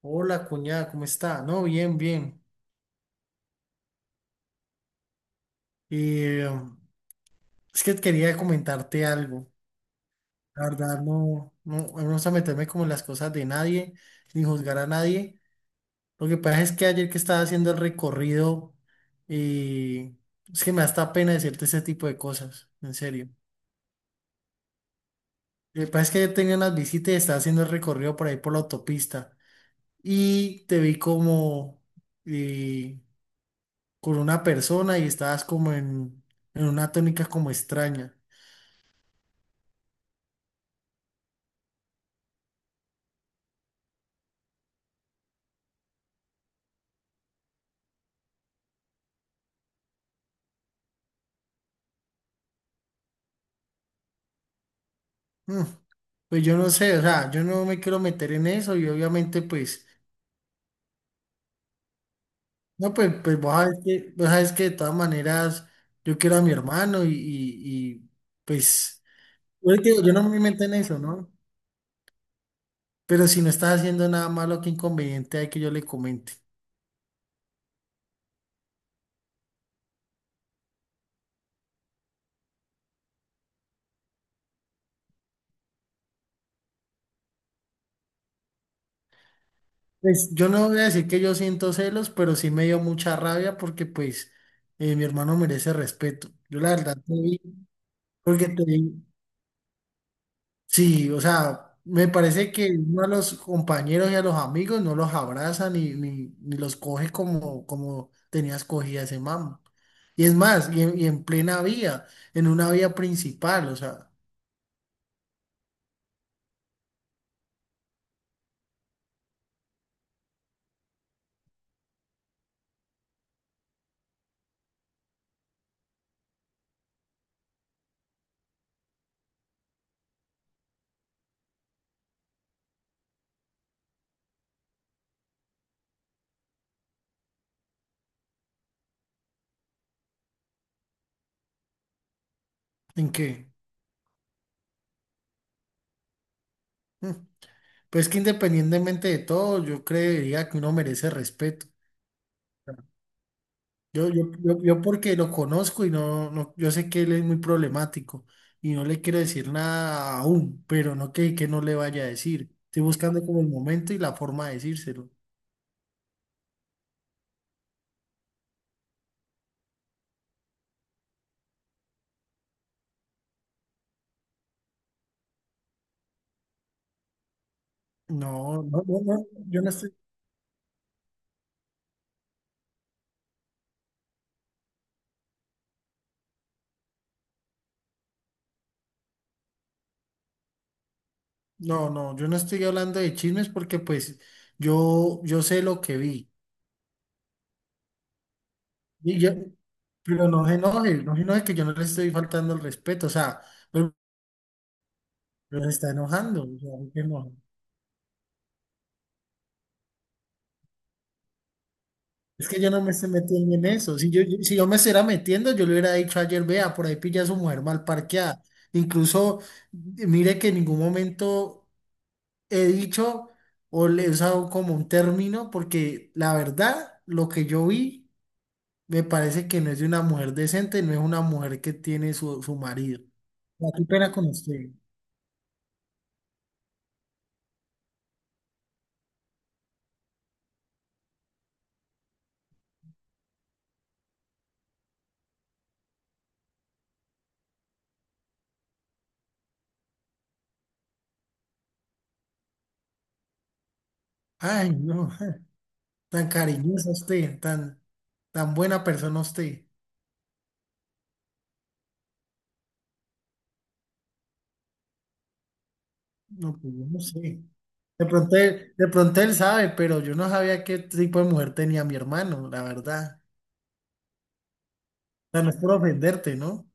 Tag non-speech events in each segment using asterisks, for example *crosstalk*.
Hola, cuñada, ¿cómo está? No, bien, bien. Eh, es que quería comentarte algo. La verdad, no me gusta meterme como en las cosas de nadie, ni juzgar a nadie. Lo que pasa es que ayer que estaba haciendo el recorrido, eh, es que me da hasta pena decirte ese tipo de cosas, en serio. Lo que pasa es que ayer tenía unas visitas y estaba haciendo el recorrido por ahí por la autopista. Y te vi como eh, con una persona y estabas como en una tónica como extraña. Mm, Pues yo no sé, o sea, yo no me quiero meter en eso y obviamente pues, no, pues, pues vos sabes que de todas maneras yo quiero a mi hermano y, pues, yo, te digo, yo no me meto en eso, ¿no? Pero si no estás haciendo nada malo, qué inconveniente hay que yo le comente. Pues yo no voy a decir que yo siento celos, pero sí me dio mucha rabia porque pues mi hermano merece respeto. Yo la verdad te vi, porque te vi. Sí, o sea, me parece que uno a los compañeros y a los amigos no los abraza ni los coge como, como tenías cogida ese man. Y es más, y en plena vía, en una vía principal, o sea, ¿en qué? Mm. Pues que independientemente de todo, yo creería que uno merece respeto. Yo porque lo conozco y no, yo sé que él es muy problemático y no le quiero decir nada aún, pero no que no le vaya a decir. Estoy buscando como el momento y la forma de decírselo. No, yo no estoy, no, yo no estoy hablando de chismes porque pues yo sé lo que vi. Y yo- pero no se enoje, no se enoje que yo no le estoy faltando el respeto, o sea, pero, pero se está enojando, o sea, ¿por qué no? Es que yo no me estoy metiendo en eso. Si yo- si yo me estuviera metiendo, yo le hubiera dicho ayer, vea, por ahí pilla a su mujer mal parqueada. Incluso, mire que en ningún momento he dicho o le he usado como un término, porque la verdad, lo que yo vi, me parece que no es de una mujer decente, no es una mujer que tiene su marido. Ah, qué pena con usted. Ay, no, *laughs* tan cariñosa usted, tan, tan buena persona usted. No, pues yo no sé. De pronto él sabe, pero yo no sabía qué tipo de mujer tenía mi hermano, la verdad. O sea, no es por ofenderte, ¿no?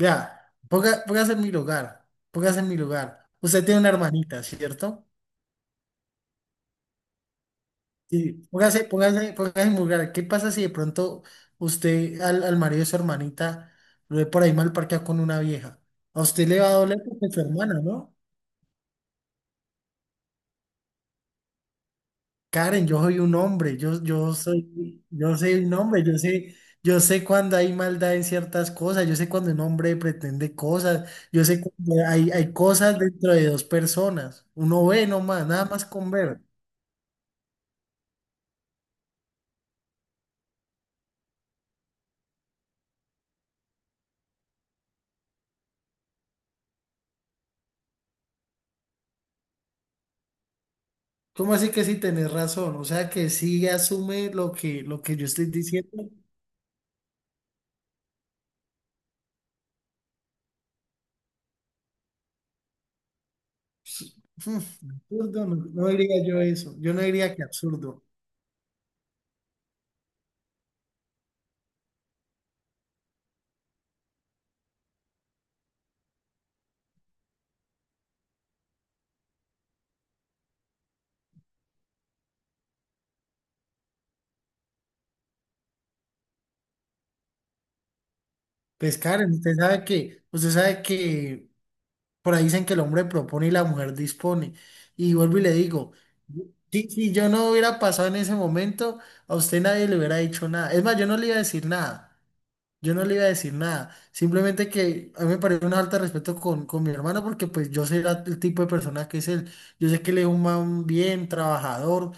Vea, ponga- póngase en mi lugar, póngase en mi lugar. Usted tiene una hermanita, ¿cierto? Y póngase en mi lugar. ¿Qué pasa si de pronto usted al marido de su hermanita lo ve por ahí mal parqueado con una vieja? A usted le va a doler porque es su hermana, ¿no? Karen, yo soy un hombre, yo soy un hombre, yo sé cuando hay maldad en ciertas cosas, yo sé cuando un hombre pretende cosas, yo sé cuando hay cosas dentro de dos personas, uno ve nomás, nada más con ver. ¿Cómo así que sí tenés razón? O sea que sí asume lo que yo estoy diciendo. Hmm, Absurdo, no, no diría yo eso, yo no diría que absurdo. Pues Karen, usted sabe que por ahí dicen que el hombre propone y la mujer dispone. Y vuelvo y le digo, si yo no hubiera pasado en ese momento, a usted nadie le hubiera dicho nada. Es más, yo no le iba a decir nada. Yo no le iba a decir nada. Simplemente que a mí me parece una falta de respeto con mi hermano porque pues yo sé la- el tipo de persona que es él. Yo sé que él es un man bien trabajador.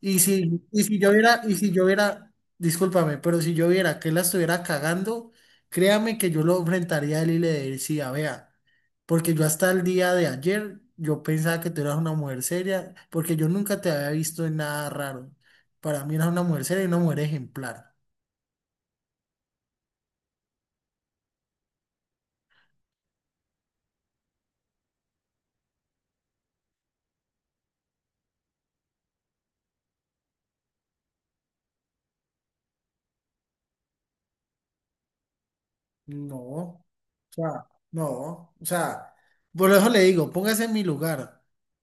Y si, y si yo hubiera, discúlpame, pero si yo viera que él la estuviera cagando, créame que yo lo enfrentaría a él y le decía, vea. Porque yo hasta el día de ayer, yo pensaba que tú eras una mujer seria, porque yo nunca te había visto en nada raro. Para mí eras una mujer seria y una mujer ejemplar. No, o sea, no, o sea, por eso le digo, póngase en mi lugar.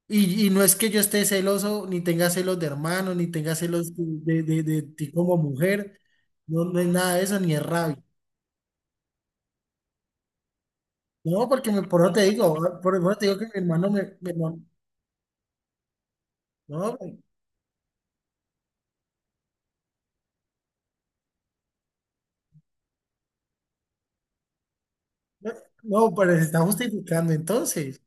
Y no es que yo esté celoso, ni tenga celos de hermano, ni tenga celos de ti como mujer. No, no es nada de eso, ni es rabia. No, porque me, por eso te digo, ah, por eso te digo que mi hermano me... me- no, no, pero se está justificando entonces.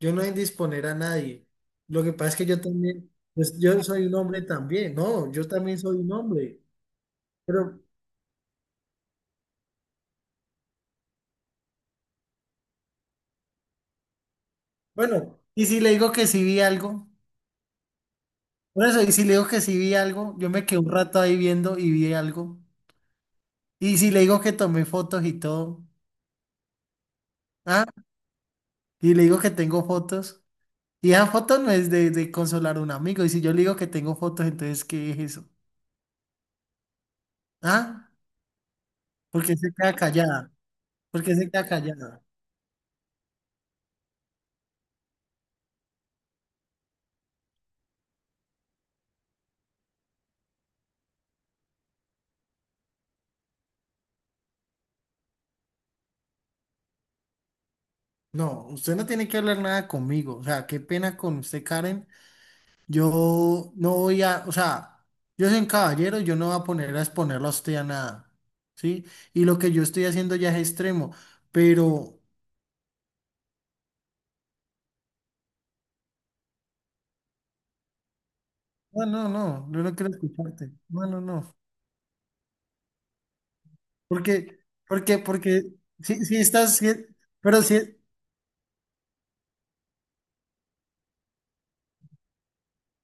Yo no he disponer a nadie. Lo que pasa es que yo también, pues yo soy un hombre también, no, yo también soy un hombre. Pero bueno, y si le digo que sí vi algo, por eso, y si le digo que sí vi algo, yo me quedé un rato ahí viendo y vi algo. Y si le digo que tomé fotos y todo, ah, y le digo que tengo fotos, y esa foto no es de consolar a un amigo, y si yo le digo que tengo fotos, entonces, ¿qué es eso? Ah, porque se queda callada, porque se queda callada. No, usted no tiene que hablar nada conmigo. O sea, qué pena con usted, Karen. Yo no voy a, o sea, yo soy un caballero, yo no voy a poner a exponerlo a usted a nada. ¿Sí? Y lo que yo estoy haciendo ya es extremo. Pero, no, no, no, yo no quiero escucharte. No, no, no. Porque, Porque, sí, sí estás, sí, pero sí,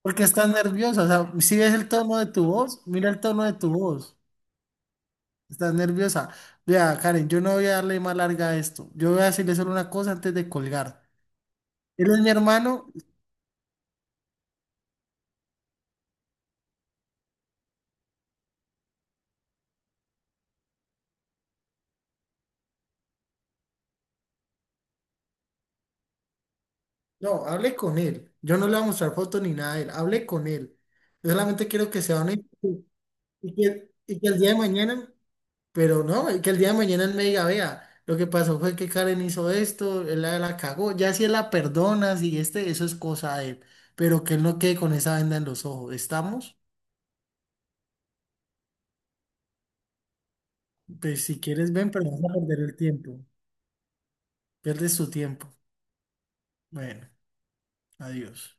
porque estás nerviosa. O sea, si ves el tono de tu voz, mira el tono de tu voz. Estás nerviosa. Vea, Karen, yo no voy a darle más larga a esto. Yo voy a decirle solo una cosa antes de colgar. Él es mi hermano. No, hable con él. Yo no le voy a mostrar fotos ni nada de él. Hable con él. Yo solamente quiero que sea honesto y y que el día de mañana, pero no, y que el día de mañana él me diga, vea, lo que pasó fue que Karen hizo esto, él la cagó. Ya si él la perdona, si este, eso es cosa de él. Pero que él no quede con esa venda en los ojos. ¿Estamos? Pues si quieres, ven, pero vas a perder el tiempo. Pierdes tu tiempo. Bueno, adiós.